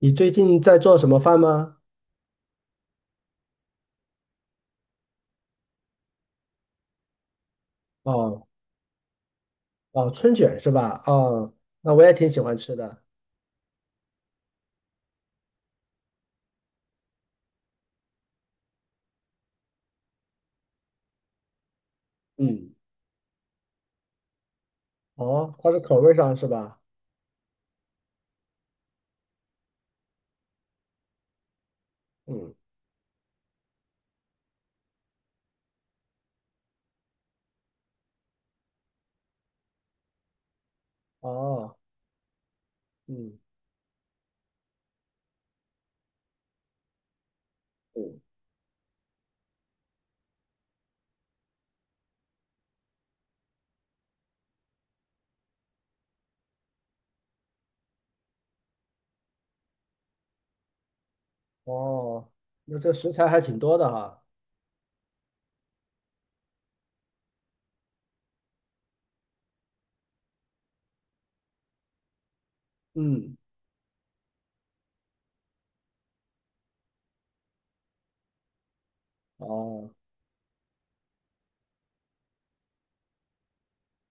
你最近在做什么饭吗？哦哦，春卷是吧？哦，那我也挺喜欢吃的。嗯，哦，它是口味上是吧？嗯，哦，嗯，嗯，哦，那这食材还挺多的哈。嗯，哦，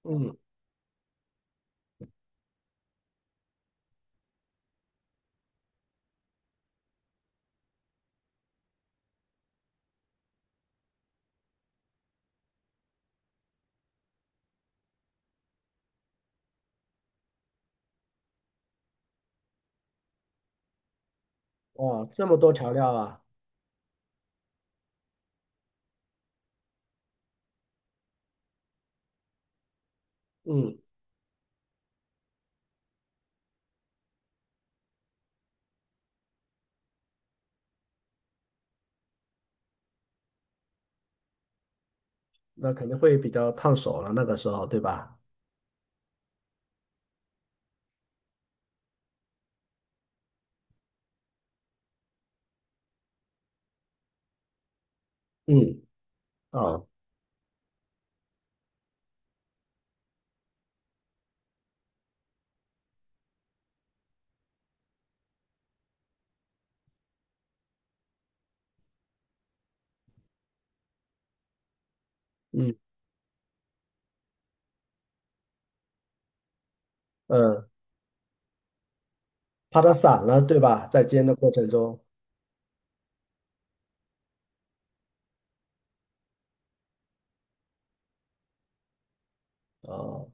嗯，哦，这么多调料啊。嗯，那肯定会比较烫手了，那个时候对吧？嗯，哦，嗯嗯，怕它散了对吧？在煎的过程中，哦，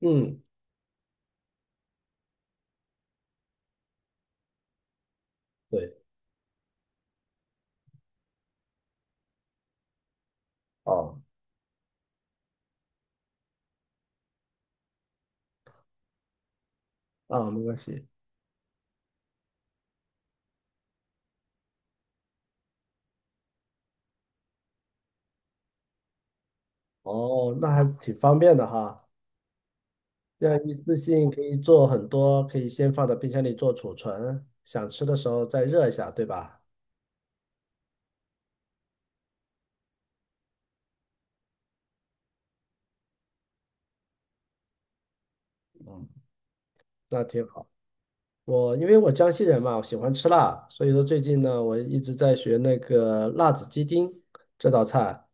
嗯，对，哦，啊，没关系。哦，那还挺方便的哈。这样一次性可以做很多，可以先放到冰箱里做储存，想吃的时候再热一下，对吧？嗯，那挺好。我因为我江西人嘛，我喜欢吃辣，所以说最近呢，我一直在学那个辣子鸡丁这道菜。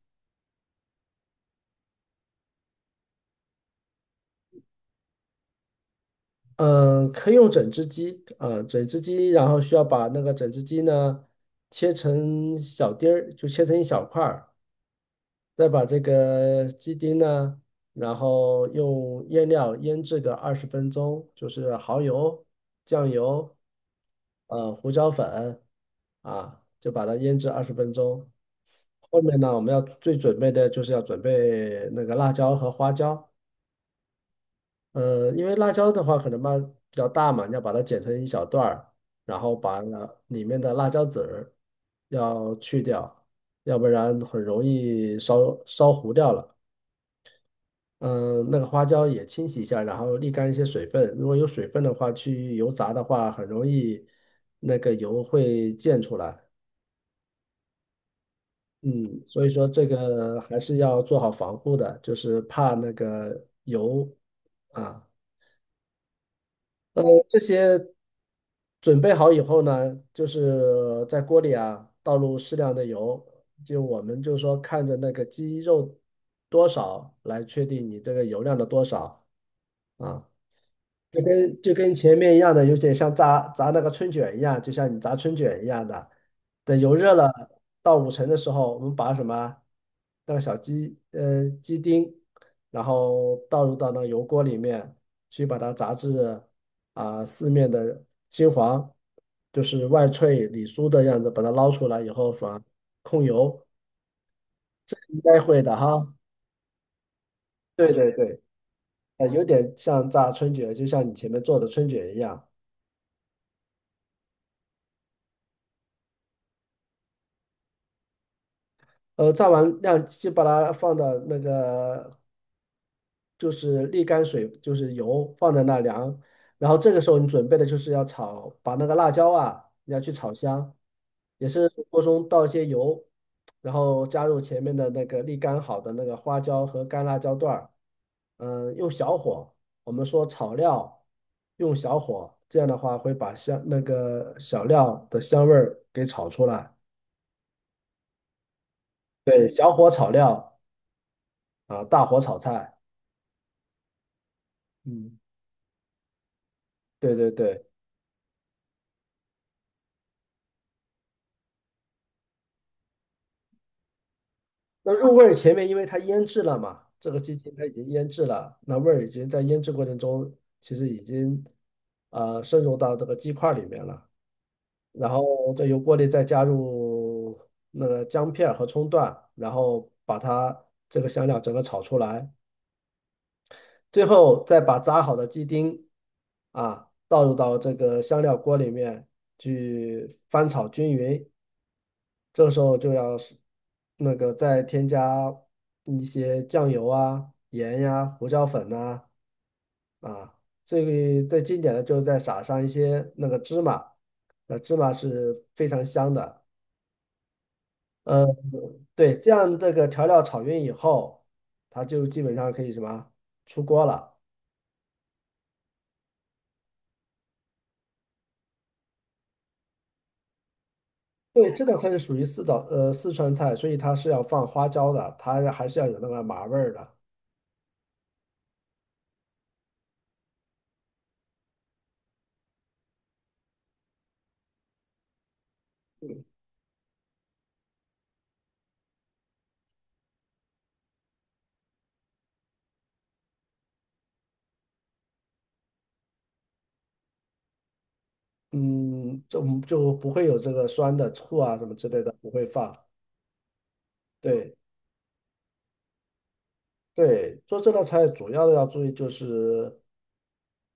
嗯，可以用整只鸡，嗯，整只鸡，然后需要把那个整只鸡呢切成小丁儿，就切成一小块儿，再把这个鸡丁呢，然后用腌料腌制个二十分钟，就是蚝油、酱油、胡椒粉啊，就把它腌制二十分钟。后面呢，我们要最准备的就是要准备那个辣椒和花椒。呃，因为辣椒的话可能嘛比较大嘛，你要把它剪成一小段儿，然后把那里面的辣椒籽儿要去掉，要不然很容易烧糊掉了。嗯，那个花椒也清洗一下，然后沥干一些水分。如果有水分的话，去油炸的话，很容易那个油会溅出来。嗯，所以说这个还是要做好防护的，就是怕那个油啊。那么这些准备好以后呢，就是在锅里啊倒入适量的油，就我们就是说看着那个鸡肉多少来确定你这个油量的多少啊。就跟前面一样的，有点像炸那个春卷一样，就像你炸春卷一样的。等油热了到五成的时候，我们把什么那个鸡丁，然后倒入到那个油锅里面去，把它炸至啊、四面的金黄，就是外脆里酥的样子，把它捞出来以后放控油，应该会的哈。对对对，呃，有点像炸春卷，就像你前面做的春卷一样。呃，炸完晾，就把它放到那个就是沥干水，就是油放在那凉。然后这个时候你准备的就是要炒，把那个辣椒啊，你要去炒香，也是锅中倒一些油，然后加入前面的那个沥干好的那个花椒和干辣椒段儿，嗯，用小火，我们说炒料用小火，这样的话会把香那个小料的香味儿给炒出来。对，小火炒料啊，大火炒菜。嗯，对对对，那入味儿前面因为它腌制了嘛，这个鸡精它已经腌制了，那味儿已经在腌制过程中其实已经渗入到这个鸡块儿里面了，然后再由锅里再加入那个姜片儿和葱段，然后把它这个香料整个炒出来，最后再把炸好的鸡丁啊倒入到这个香料锅里面去翻炒均匀，这个时候就要是那个再添加一些酱油啊、盐呀、胡椒粉呐啊，最最经典的就是再撒上一些那个芝麻，呃，芝麻是非常香的。呃，对，这样这个调料炒匀以后，它就基本上可以什么出锅了。对，这道菜是属于四川菜，所以它是要放花椒的，它还是要有那个麻味儿的。嗯，就就不会有这个酸的醋啊什么之类的，不会放。对对，做这道菜主要的要注意就是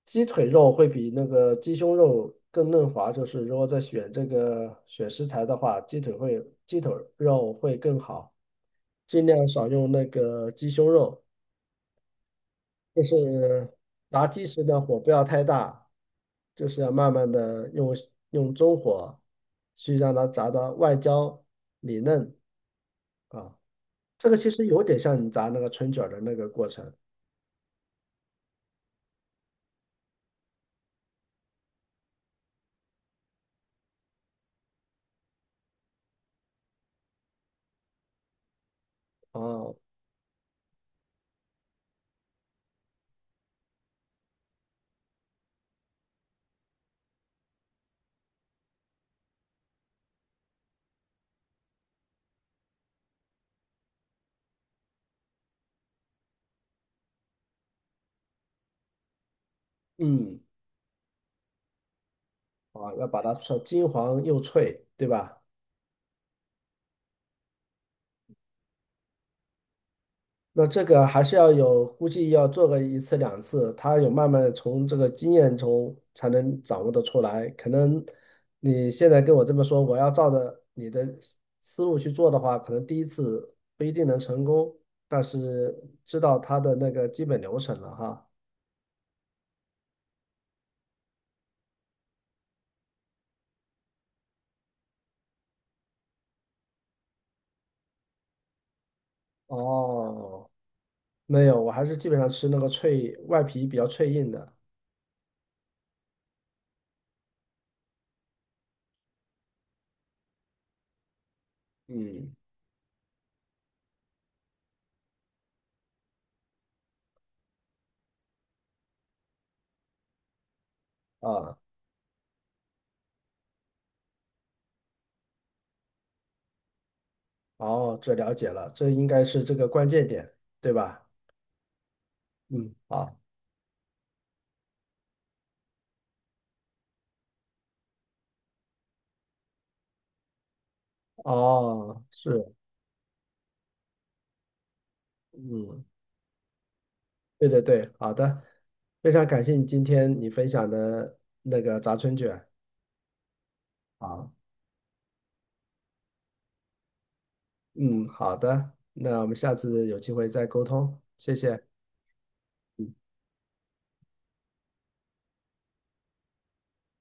鸡腿肉会比那个鸡胸肉更嫩滑，就是如果在选这个选食材的话，鸡腿肉会更好，尽量少用那个鸡胸肉。就是炸鸡时呢，火不要太大，就是要慢慢的用中火去让它炸到外焦里嫩啊。这个其实有点像你炸那个春卷儿的那个过程啊。哦嗯，啊，要把它炒金黄又脆，对吧？那这个还是要有，估计要做个一次两次，他有慢慢地从这个经验中才能掌握得出来。可能你现在跟我这么说，我要照着你的思路去做的话，可能第一次不一定能成功，但是知道它的那个基本流程了哈。哦，没有，我还是基本上吃那个脆，外皮比较脆硬的。嗯，啊。哦，这了解了，这应该是这个关键点，对吧？嗯，好，哦，是，嗯，对对对，好的，非常感谢你今天你分享的那个炸春卷。好，嗯，好的，那我们下次有机会再沟通，谢谢。